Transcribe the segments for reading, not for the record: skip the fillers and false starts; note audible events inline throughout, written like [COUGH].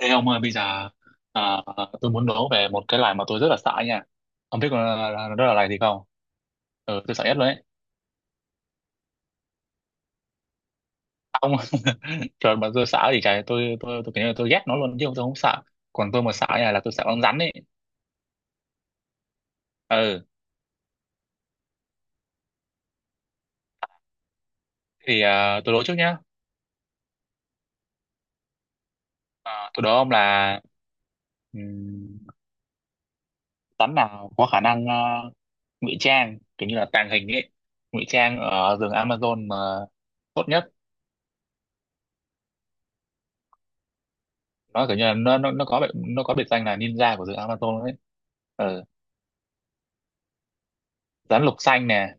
Thế ông ơi, bây giờ à, tôi muốn đố về một cái loài mà tôi rất là sợ nha. Ông biết con đó là loài gì không? Ừ, tôi sợ nhất luôn đấy. Ông [LAUGHS] trời mà tôi sợ thì trời tôi kiểu như là tôi ghét nó luôn chứ tôi không sợ. Còn tôi mà sợ nha là tôi sợ con rắn ấy. Ừ, thì tôi đố trước nhá. Tôi đố ông là ừm, rắn nào có khả năng ngụy trang kiểu như là tàng hình ấy, ngụy trang ở rừng Amazon mà tốt nhất. Nó kiểu như là nó có nó có biệt danh là ninja của rừng Amazon ấy. Ừ, rắn lục xanh nè,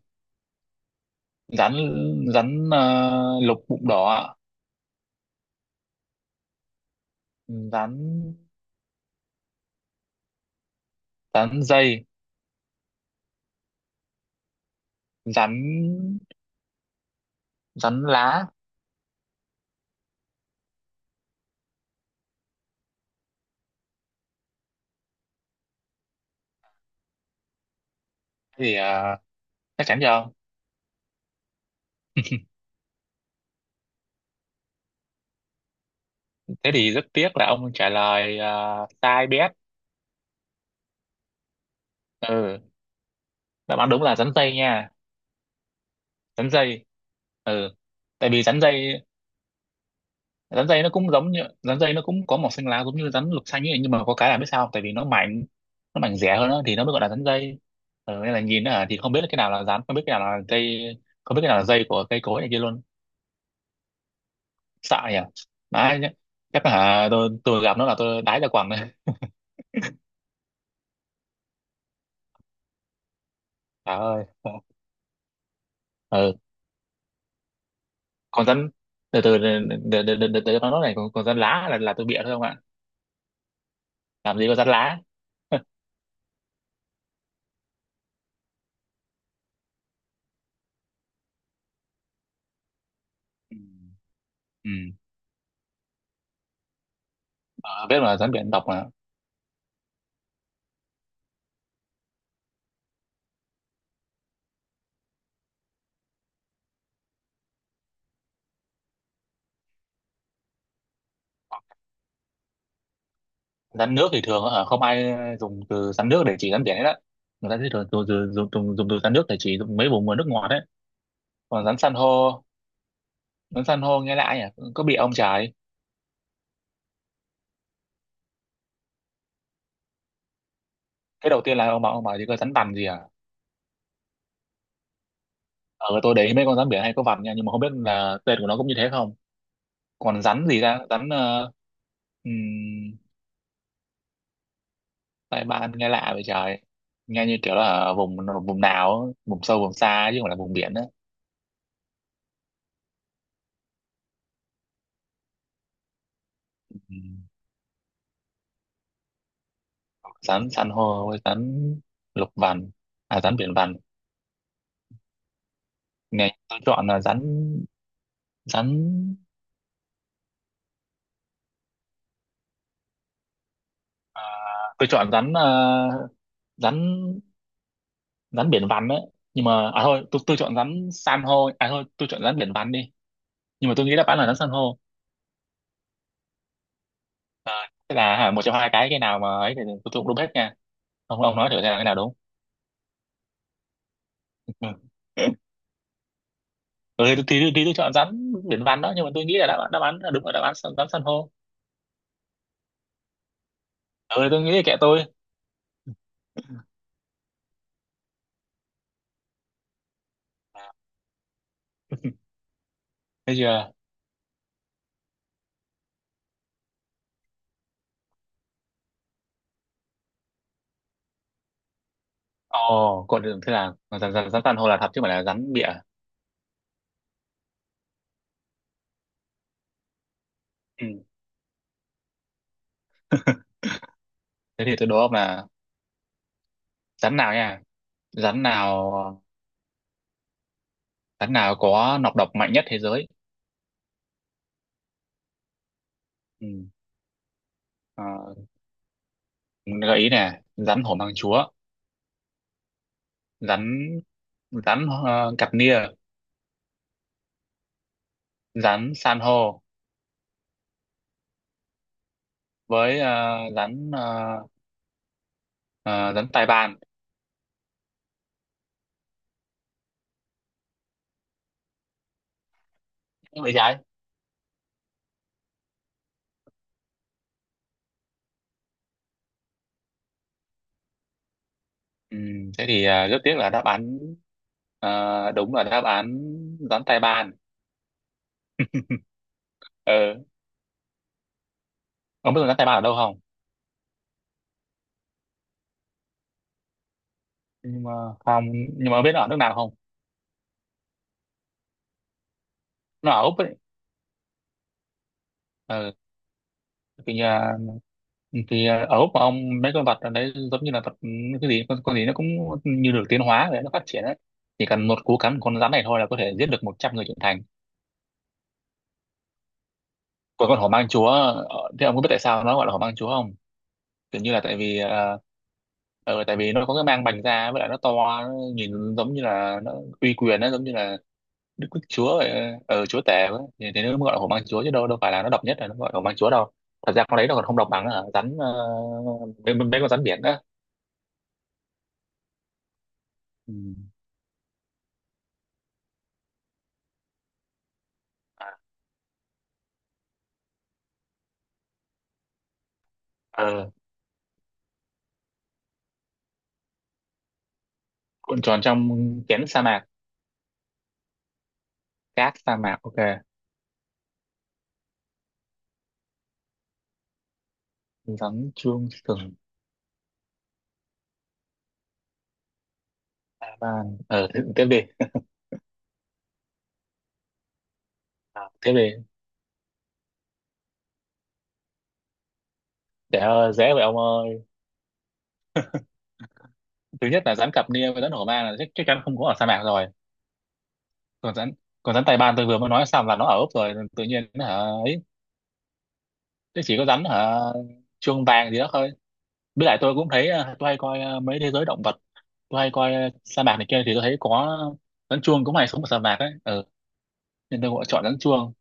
rắn rắn ờ, lục bụng đỏ ạ. Rắn Rắn dây. Rắn Rắn lá. Thì chắc chắn rồi. Thế thì rất tiếc là ông trả lời sai bét. Ừ, đáp án đúng là rắn dây nha. Rắn dây. Tại vì rắn dây, rắn dây nó cũng giống như rắn dây, nó cũng có màu xanh lá giống như rắn lục xanh ấy, nhưng mà có cái là biết sao không? Tại vì nó mảnh, nó mảnh rẻ hơn đó, thì nó mới gọi là rắn dây. Ừ, nên là nhìn nó thì không biết là cái nào là rắn, không biết cái nào là dây, không biết cái nào là dây của cây cối này kia luôn. Sại nhỉ? Đấy nhá. Chắc là hả, tôi gặp nó là tôi đái ra quần đấy. Trời ơi. Ừ. Còn rắn, từ từ để nó nói này, còn, còn rắn lá là tôi bịa thôi không ạ? Làm gì có rắn lá. [LAUGHS] Ừ. Ừ. Ờ, biết mà rắn biển độc mà. Rắn nước thì thường ở, không ai dùng từ rắn nước để chỉ rắn biển hết á. Người ta thì thường dùng từ rắn nước để chỉ dùng mấy vùng mà nước ngọt đấy. Còn rắn san hô nghe lại nhỉ. Có bị ông trời. Cái đầu tiên là ông bảo, ông bảo gì có rắn tằm gì à? Ờ, tôi để ý mấy con rắn biển hay có vằn nha, nhưng mà không biết là tên của nó cũng như thế không. Còn rắn gì ra ừm, tai ban nghe lạ vậy trời. Nghe như kiểu là ở vùng vùng nào, vùng sâu vùng xa ấy, chứ không phải là vùng biển á. Ừm, Rắn san hô với rắn lục vằn à, rắn biển vằn. Nghe tôi chọn là rắn rắn à, tôi chọn rắn à, rắn rắn biển vằn đấy. Nhưng mà à thôi, tôi chọn rắn san hô. À thôi, tôi chọn rắn biển vằn đi, nhưng mà tôi nghĩ đáp án là rắn san hô. Ờ, thế là hả, một trong hai cái nào mà ấy thì tôi cũng đúng hết nha. Ông nói thử xem là cái nào đúng. [LAUGHS] Ừ, thì tôi chọn rắn biển vằn đó, nhưng mà tôi nghĩ là đáp án là đúng là đáp án rắn rắn san hô. Ừ, tôi nghĩ là kệ tôi. Thấy chưa. Ồ, còn thế là rắn rắn rắn san hô là thật chứ không phải là rắn bịa. Ừ. [LAUGHS] Thế thì tôi đố ông là rắn nào nha, rắn nào rắn nào có nọc độc mạnh nhất thế giới. Ừ. Ờ, gợi ý nè, rắn hổ mang chúa, rắn rắn cặp nia, rắn san hô, với rắn tai bàn. Vậy trái. Ừ, thế thì rất tiếc là đáp án đúng là đáp án rắn tai bàn. Ờ, ông biết rắn tai bàn ở đâu không? Nhưng mà không, nhưng mà ông biết nó ở nước nào không? Nó ở Úc ấy. Ờ, thì ở Úc mà ông, mấy con vật ở đấy giống như là vật ừ, cái gì, con gì nó cũng như được tiến hóa để nó phát triển đấy. Chỉ cần một cú cắn của con rắn này thôi là có thể giết được 100 người trưởng thành. Còn con hổ mang chúa, ờ, thế ông có biết tại sao nó gọi là hổ mang chúa không? Kiểu như là tại vì tại vì nó có cái mang bành ra, với lại nó to, nó nhìn giống như là nó uy quyền, nó giống như là đức đức chúa vậy. Ờ, chúa tể vậy thì nó mới gọi là hổ mang chúa chứ đâu, phải là nó độc nhất là nó gọi là hổ mang chúa đâu. Thật ra con đấy nó còn không độc bằng là mấy con rắn biển đó. Ừ. Ờ, cuộn tròn trong kén sa mạc, cát sa mạc, ok. Rắn chuông sừng. Sa ban ờ thế- Tiếp đi. Ờ, tiếp đi. Để dễ vậy ông ơi. Thứ nhất là rắn cặp nia với rắn hổ mang là chắc chắn không có ở sa mạc rồi. còn rắn Còn rắn Tài Ban tôi vừa mới nói xong là nó ở Úc rồi, tự nhiên nó hả. Ấy, nó chỉ có rắn hả, chuông vàng gì đó thôi. Với lại tôi cũng thấy tôi hay coi mấy thế giới động vật, tôi hay coi sa mạc này kia thì tôi thấy có rắn chuông cũng hay sống ở sa mạc ấy. Ừ. Nên tôi gọi chọn rắn chuông.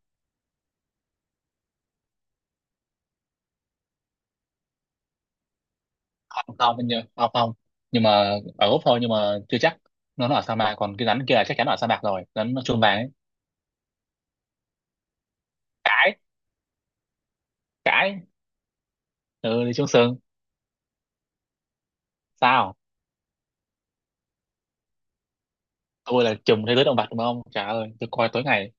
Không không nhưng không không nhưng mà ở Úc thôi, nhưng mà chưa chắc nó ở sa mạc. Còn cái rắn kia là chắc chắn ở sa mạc rồi, rắn chuông vàng ấy. Cãi, cãi. Ừ, đi xuống sương. Sao, tôi là trùm thế giới động vật đúng không, trời ơi tôi coi tối ngày.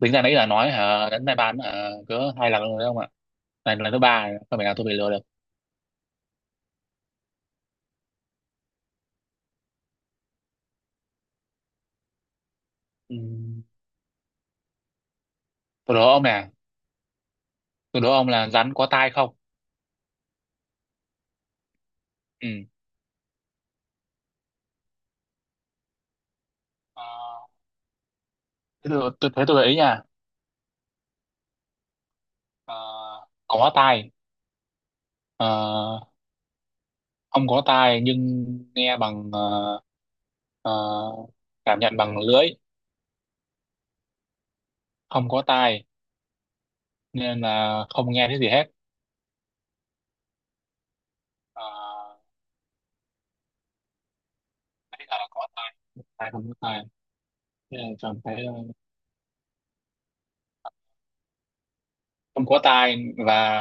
Tính ra nãy giờ nói hả, đến nay bán hả cỡ hai lần rồi đấy ông ạ. Này là lần thứ ba rồi, không phải nào tôi bị lừa được. Ừ. Tôi đố ông nè, tôi đố ông là rắn có tai không? Ừ. Ờ, thế tôi thế tôi gợi ý nha. Ờ, có tai. Ờ, không có tai nhưng nghe bằng ờ, cảm nhận bằng lưỡi. Không có tai nên là không nghe thấy gì hết. Ờ, nãy giờ là có tai, không có tai. Thế là chọn cái, không có tai và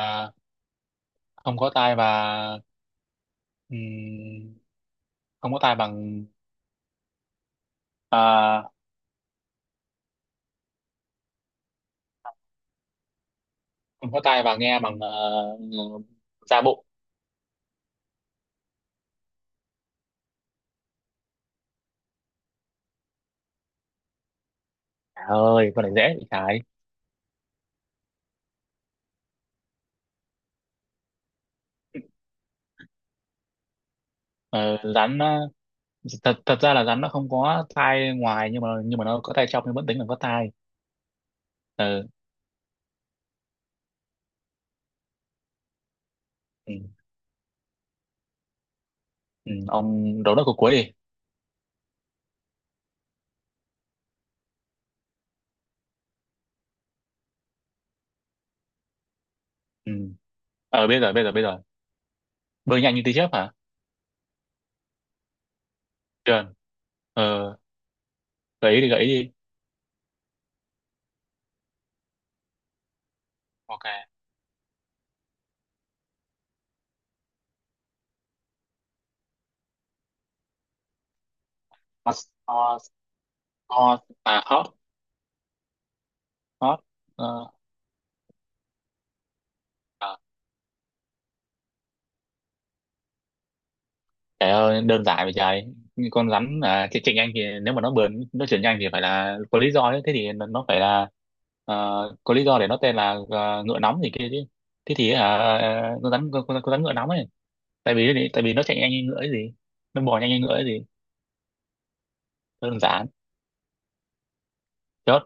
không có tai và Ừm, không có tai bằng à, không có tai và nghe bằng da bụng. Trời ơi con này dễ bị cái. Ờ, rắn ờ, thật thật ra là rắn nó không có tai ngoài, nhưng mà nó có tai trong, nhưng vẫn tính là có tai. Ờ, ừ, ừ, ông đố nó cuối cuối đi. Ừ. Ờ, bây giờ bơi nhanh như tia chớp hả. Trường. Ờ, gợi ý đi. Ok. Hot, hot hot à, hot hot. Ờ, à. Trời ơi, đơn giản vậy trời. Như con rắn à, chị Trịnh Anh, thì nếu mà nó bườn nó chuyển nhanh thì phải là có lý do ấy. Thế thì nó phải là ờ, có lý do để nó tên là ngựa nóng gì kia chứ. Thế thì con rắn con rắn ngựa nóng ấy. Tại vì nó chạy nhanh như ngựa ấy gì. Nó bò nhanh như ngựa ấy gì. Đơn giản. Chốt.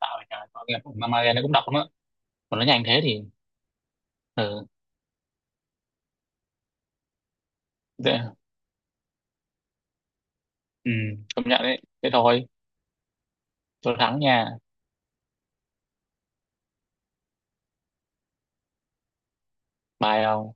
Sao vậy trời. Mà nghe nó cũng đọc lắm á. Còn nó nhanh thế thì ừ, dễ. Ừ, công nhận đấy. Thế thôi. Tôi thắng nha. Bye không?